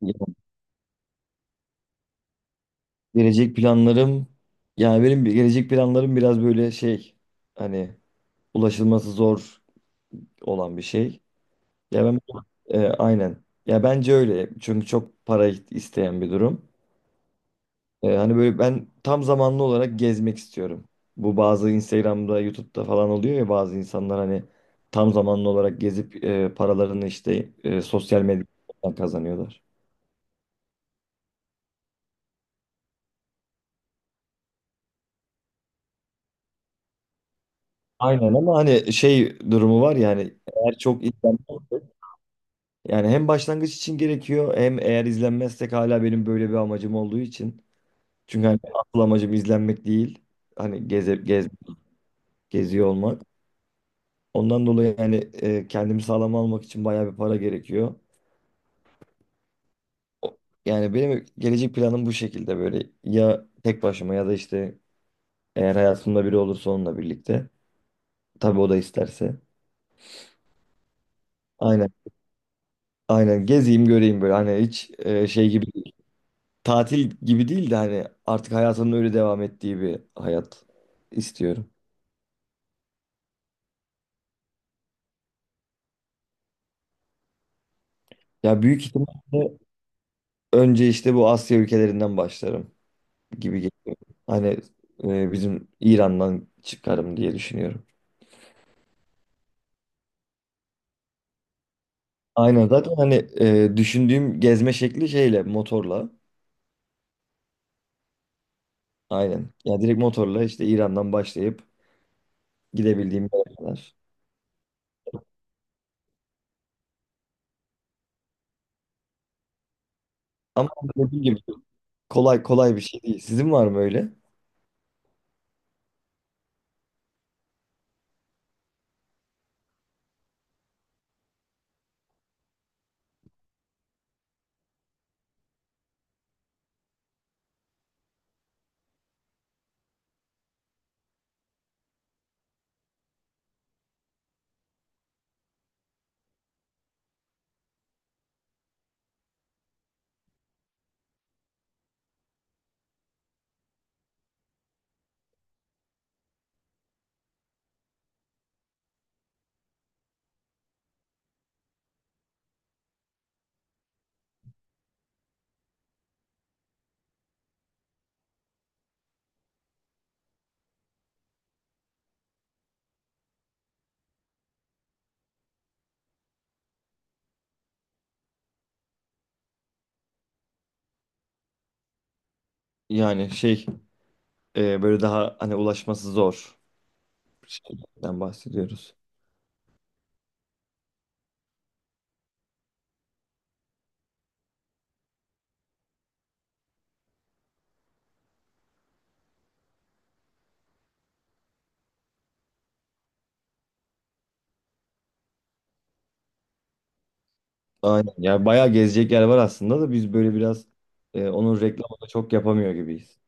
Ya, gelecek planlarım, yani benim gelecek planlarım biraz böyle şey, hani ulaşılması zor olan bir şey. Ya ben, aynen. Ya bence öyle. Çünkü çok para isteyen bir durum. Hani böyle ben tam zamanlı olarak gezmek istiyorum. Bu bazı Instagram'da, YouTube'da falan oluyor ya, bazı insanlar hani tam zamanlı olarak gezip paralarını işte sosyal medyadan kazanıyorlar. Aynen, ama hani şey durumu var ya, hani eğer çok izlenmezse. Yani hem başlangıç için gerekiyor, hem eğer izlenmezsek hala benim böyle bir amacım olduğu için. Çünkü hani asıl amacım izlenmek değil. Hani geziyor olmak. Ondan dolayı yani kendimi sağlam almak için bayağı bir para gerekiyor. O- Yani benim gelecek planım bu şekilde, böyle ya tek başıma ya da işte eğer hayatımda biri olursa onunla birlikte. Tabii o da isterse. Aynen. Aynen gezeyim, göreyim, böyle hani hiç şey gibi, tatil gibi değil de hani artık hayatının öyle devam ettiği bir hayat istiyorum. Ya büyük ihtimalle önce işte bu Asya ülkelerinden başlarım gibi geliyor. Hani bizim İran'dan çıkarım diye düşünüyorum. Aynen zaten hani düşündüğüm gezme şekli şeyle, motorla. Aynen. Ya direkt motorla işte İran'dan başlayıp gidebildiğim yere kadar. Ama dediğim gibi kolay kolay bir şey değil. Sizin var mı öyle? Yani şey, böyle daha hani ulaşması zor şeyden bahsediyoruz. Aynen. Ya bayağı gezecek yer var aslında da biz böyle biraz onun reklamını çok yapamıyor gibiyiz.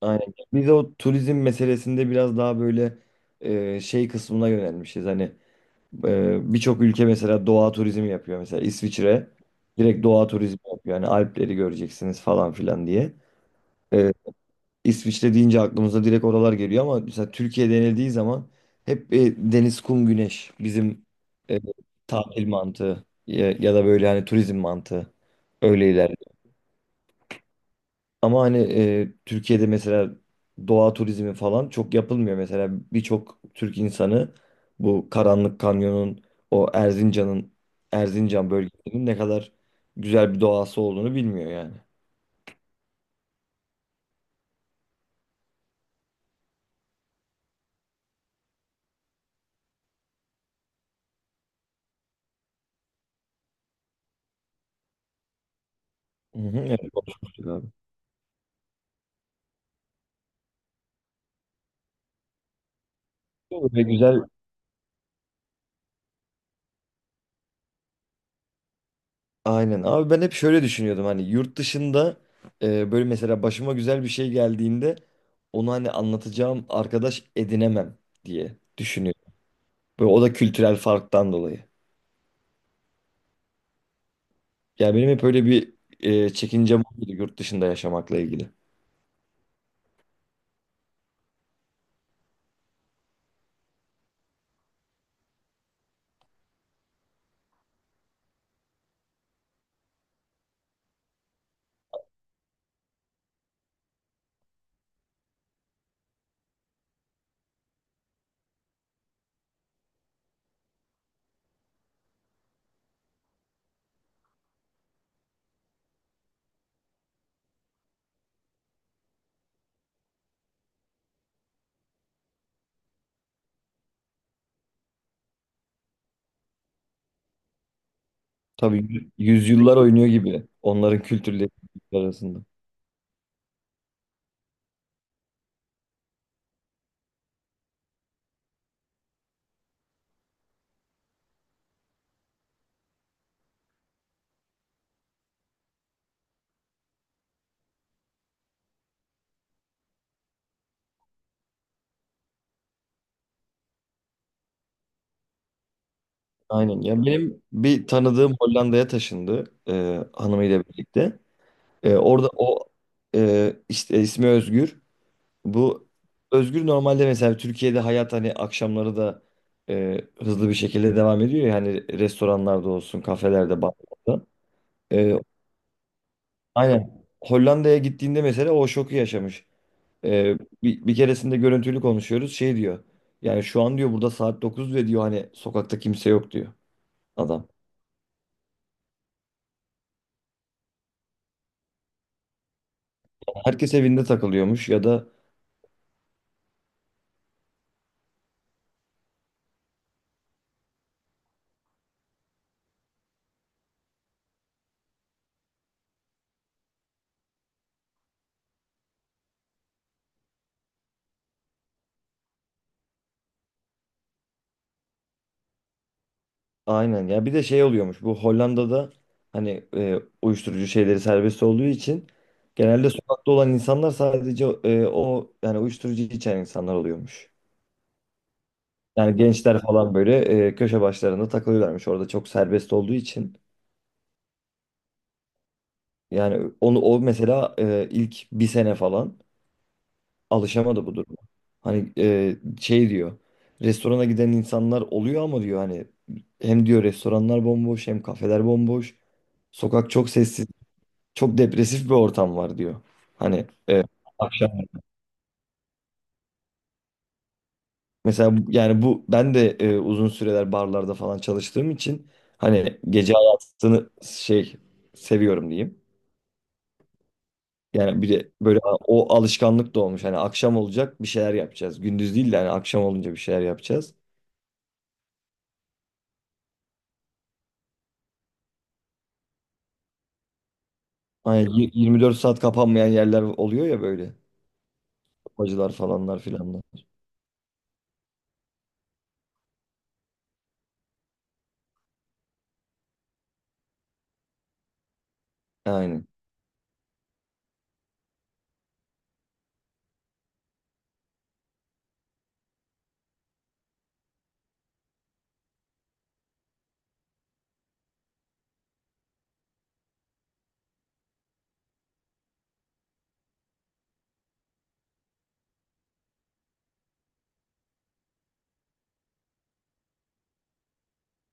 Aynen. Biz o turizm meselesinde biraz daha böyle şey kısmına yönelmişiz. Hani birçok ülke mesela doğa turizmi yapıyor. Mesela İsviçre direkt doğa turizmi yapıyor. Yani Alpleri göreceksiniz falan filan diye. E, İsviçre deyince aklımıza direkt oralar geliyor, ama mesela Türkiye denildiği zaman hep deniz, kum, güneş bizim e, tatil mantığı ya, ya da böyle hani turizm mantığı öyle ilerliyor. Ama hani Türkiye'de mesela doğa turizmi falan çok yapılmıyor. Mesela birçok Türk insanı bu Karanlık Kanyon'un, o Erzincan'ın, Erzincan bölgesinin ne kadar güzel bir doğası olduğunu bilmiyor yani. Hı hı, evet, konuşmuştuk abi. Böyle güzel. Aynen. Abi ben hep şöyle düşünüyordum, hani yurt dışında böyle mesela başıma güzel bir şey geldiğinde onu hani anlatacağım arkadaş edinemem diye düşünüyorum. Böyle, o da kültürel farktan dolayı. Yani benim hep öyle bir çekincem oldu yurt dışında yaşamakla ilgili. Tabii yüzyıllar oynuyor gibi onların kültürleri arasında. Aynen. Yani benim bir tanıdığım Hollanda'ya taşındı, hanımıyla birlikte. Orada o, işte ismi Özgür. Bu Özgür, normalde mesela Türkiye'de hayat hani akşamları da e, hızlı bir şekilde devam ediyor ya, hani restoranlarda olsun, kafelerde, barlarda. E, aynen. Hollanda'ya gittiğinde mesela o şoku yaşamış. E, bir keresinde görüntülü konuşuyoruz. Şey diyor. Yani şu an diyor burada saat 9, ve diyor hani sokakta kimse yok diyor adam. Herkes evinde takılıyormuş ya da. Aynen, ya bir de şey oluyormuş bu Hollanda'da, hani uyuşturucu şeyleri serbest olduğu için genelde sokakta olan insanlar sadece o, yani uyuşturucu içen insanlar oluyormuş. Yani gençler falan böyle köşe başlarında takılıyorlarmış, orada çok serbest olduğu için. Yani onu o mesela ilk bir sene falan alışamadı bu duruma. Hani şey diyor, restorana giden insanlar oluyor ama, diyor hani, hem diyor restoranlar bomboş, hem kafeler bomboş. Sokak çok sessiz. Çok depresif bir ortam var diyor. Hani akşam mesela yani bu ben de uzun süreler barlarda falan çalıştığım için hani gece hayatını şey, seviyorum diyeyim. Yani bir de böyle o alışkanlık da olmuş. Hani akşam olacak bir şeyler yapacağız. Gündüz değil de hani akşam olunca bir şeyler yapacağız. Hani 24 saat kapanmayan yerler oluyor ya böyle. Bacılar falanlar filanlar. Aynen.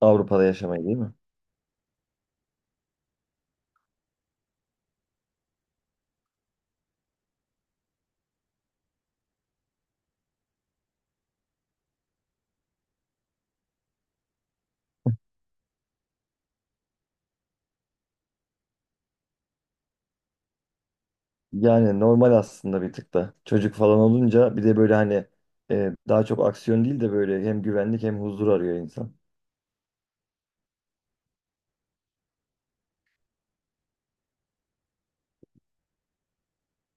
Avrupa'da yaşamayı, değil mi? Yani normal aslında bir tık da. Çocuk falan olunca bir de böyle hani daha çok aksiyon değil de böyle hem güvenlik hem huzur arıyor insan.